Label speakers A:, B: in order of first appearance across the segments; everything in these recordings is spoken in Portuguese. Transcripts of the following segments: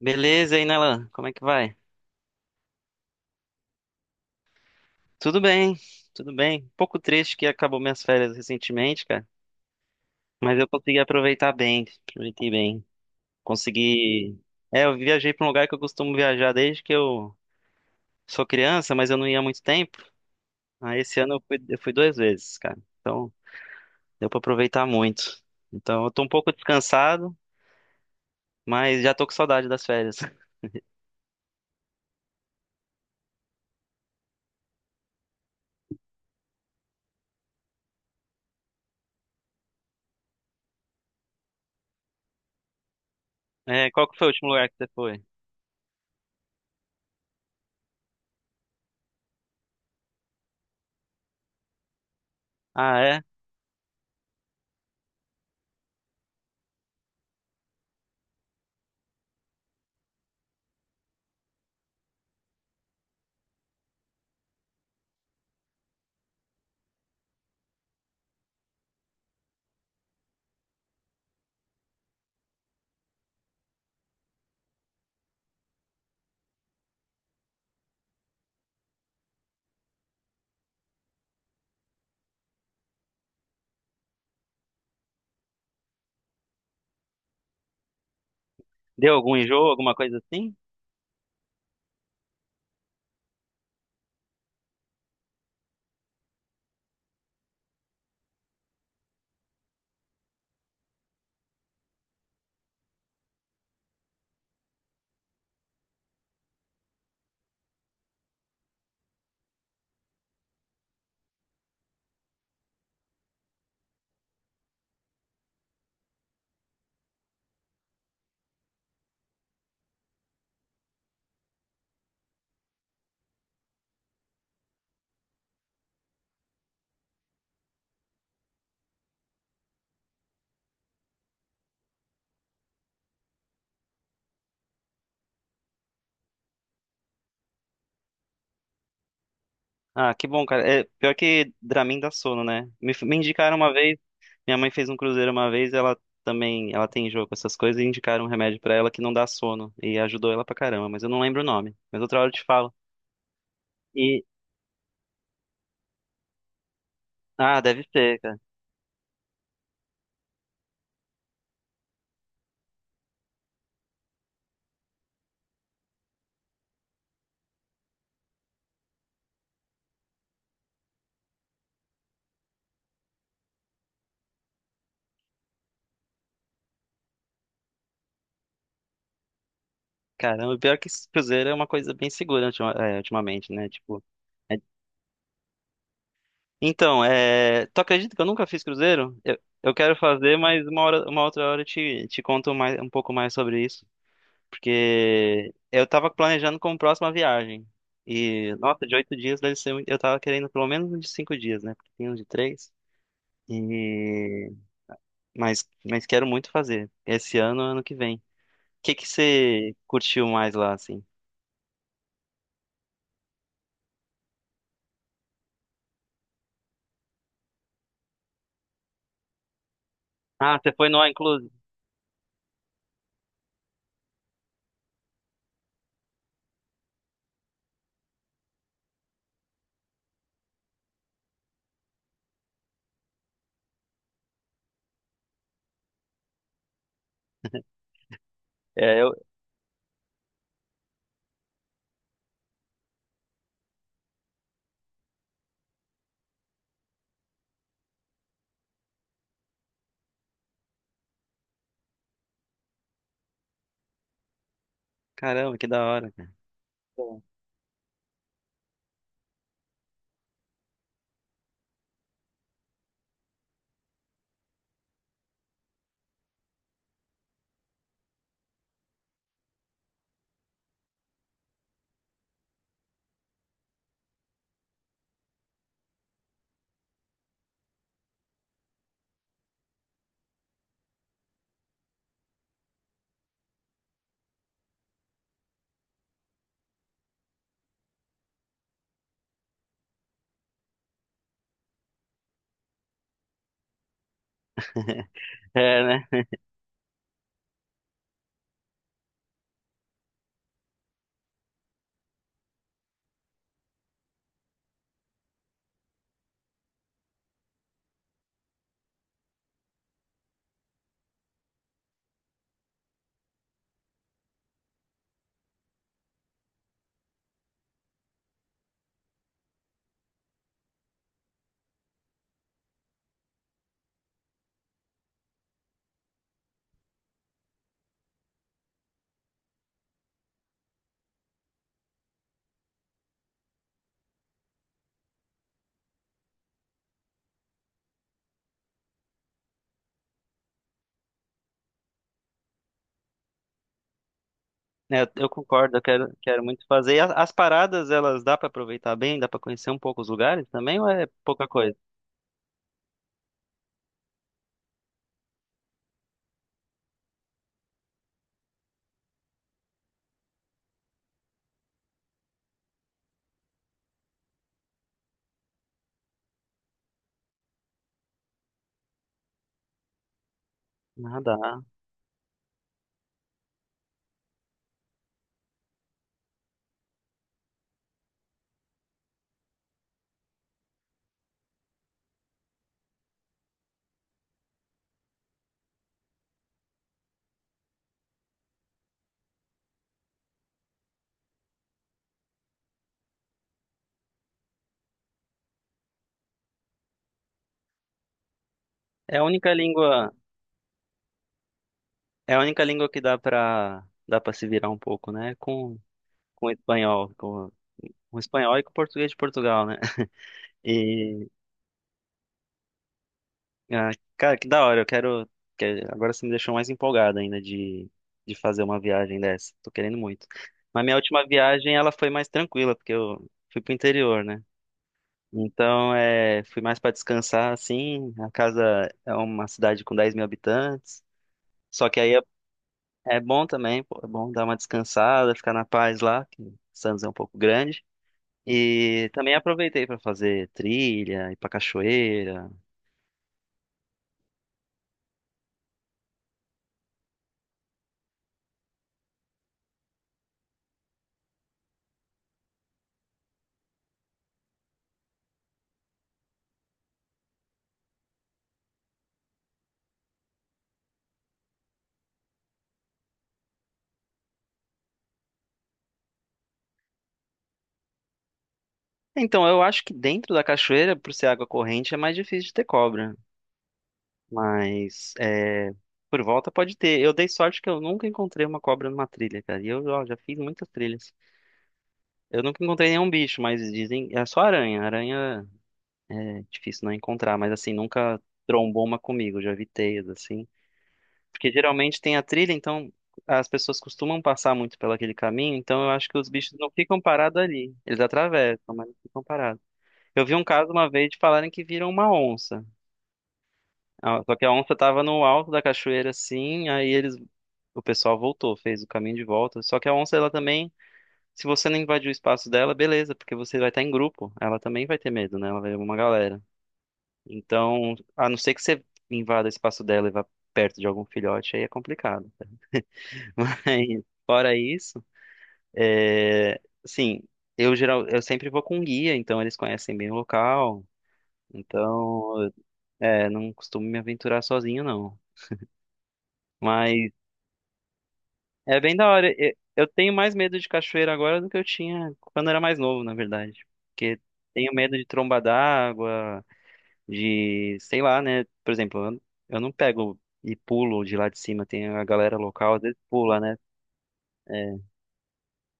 A: Beleza, e aí, Nelan? Como é que vai? Tudo bem, tudo bem. Um pouco triste que acabou minhas férias recentemente, cara, mas eu consegui aproveitar bem, aproveitei bem. Consegui. É, eu viajei para um lugar que eu costumo viajar desde que eu sou criança, mas eu não ia há muito tempo. Aí esse ano eu fui duas vezes, cara. Então, deu para aproveitar muito. Então, eu tô um pouco descansado, mas já tô com saudade das férias. É, qual que foi o último lugar que você foi? Ah, é? Deu algum enjoo, alguma coisa assim? Ah, que bom, cara. É, pior que Dramin dá sono, né? Me indicaram uma vez, minha mãe fez um cruzeiro uma vez, ela também, ela tem jogo com essas coisas, e indicaram um remédio pra ela que não dá sono, e ajudou ela pra caramba, mas eu não lembro o nome. Mas outra hora eu te falo. E, ah, deve ser, cara. Caramba, pior que esse cruzeiro é uma coisa bem segura ultimamente, né? É- Tu acredita que eu nunca fiz cruzeiro? Eu quero fazer, mas uma outra hora eu te conto mais, um pouco mais sobre isso. Porque eu tava planejando como próxima viagem. E nossa, de 8 dias deve ser Eu tava querendo pelo menos um de 5 dias, né? Porque tem um de três. E... mas quero muito fazer. Esse ano, ano que vem. O que que você curtiu mais lá, assim? Ah, você foi no All Inclusive? É, eu... Caramba, que da hora, cara. Bom. É, né? É, eu concordo, eu quero, quero muito fazer. E as paradas, elas dá pra aproveitar bem? Dá pra conhecer um pouco os lugares também ou é pouca coisa? Ah, dá. É a única língua. É a única língua que dá pra dá para se virar um pouco, né? Com o espanhol, com, com o espanhol e com o português de Portugal, né? E ah, cara, que da hora, eu quero, agora você me deixou mais empolgado ainda de fazer uma viagem dessa. Tô querendo muito. Mas minha última viagem ela foi mais tranquila, porque eu fui pro interior, né? Então, é, fui mais para descansar, assim. A casa é uma cidade com 10 mil habitantes. Só que aí É bom também, pô, é bom dar uma descansada, ficar na paz lá, que Santos é um pouco grande. E também aproveitei para fazer trilha, ir pra cachoeira. Então, eu acho que dentro da cachoeira, por ser água corrente, é mais difícil de ter cobra. Mas é, por volta pode ter. Eu dei sorte que eu nunca encontrei uma cobra numa trilha, cara. E eu ó, já fiz muitas trilhas. Eu nunca encontrei nenhum bicho, mas dizem. É só aranha. Aranha é difícil não encontrar, mas assim, nunca trombou uma comigo. Já vi teias, assim. Porque geralmente tem a trilha, então as pessoas costumam passar muito pelo aquele caminho, então eu acho que os bichos não ficam parados ali. Eles atravessam, mas não ficam parados. Eu vi um caso uma vez de falarem que viram uma onça. Ah, só que a onça estava no alto da cachoeira assim, o pessoal voltou, fez o caminho de volta. Só que a onça, ela também, se você não invadir o espaço dela, beleza, porque você vai estar em grupo. Ela também vai ter medo, né? Ela vai ver uma galera. Então, a não ser que você invada o espaço dela e vá perto de algum filhote, aí é complicado. Mas fora isso, é, assim, eu geral, eu sempre vou com guia, então eles conhecem bem o local. Então, é, não costumo me aventurar sozinho, não. Mas é bem da hora. Eu tenho mais medo de cachoeira agora do que eu tinha quando era mais novo, na verdade. Porque tenho medo de tromba d'água, de, sei lá, né? Por exemplo, eu não pego e pulo de lá de cima. Tem a galera local, às vezes pula, né?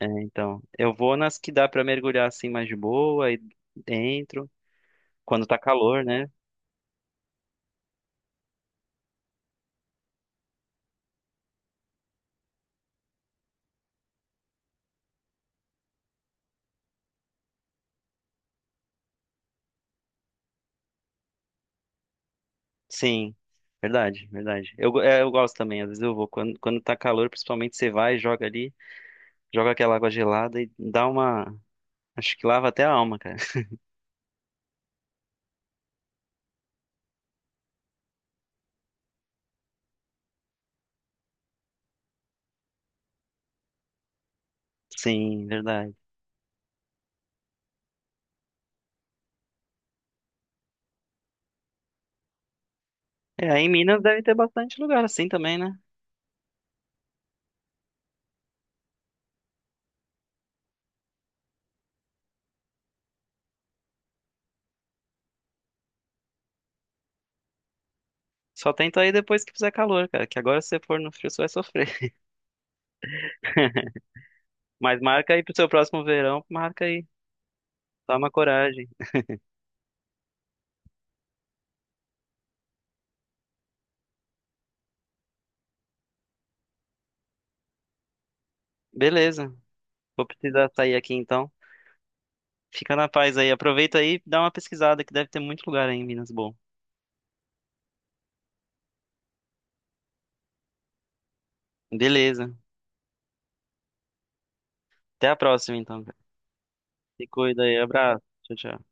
A: É, então, eu vou nas que dá pra mergulhar assim mais de boa, aí entro quando tá calor, né? Sim, verdade, verdade. Eu gosto também, às vezes eu vou. Quando tá calor, principalmente você vai, joga ali, joga aquela água gelada e dá uma. Acho que lava até a alma, cara. Sim, verdade. É, aí em Minas deve ter bastante lugar assim também, né? Só tenta aí depois que fizer calor, cara, que agora se você for no frio você vai sofrer. Mas marca aí pro seu próximo verão, marca aí. Toma coragem. Beleza, vou precisar sair aqui então. Fica na paz aí. Aproveita aí e dá uma pesquisada, que deve ter muito lugar aí em Minas bom. Beleza. Até a próxima, então, cara. Se cuida aí. Abraço. Tchau, tchau.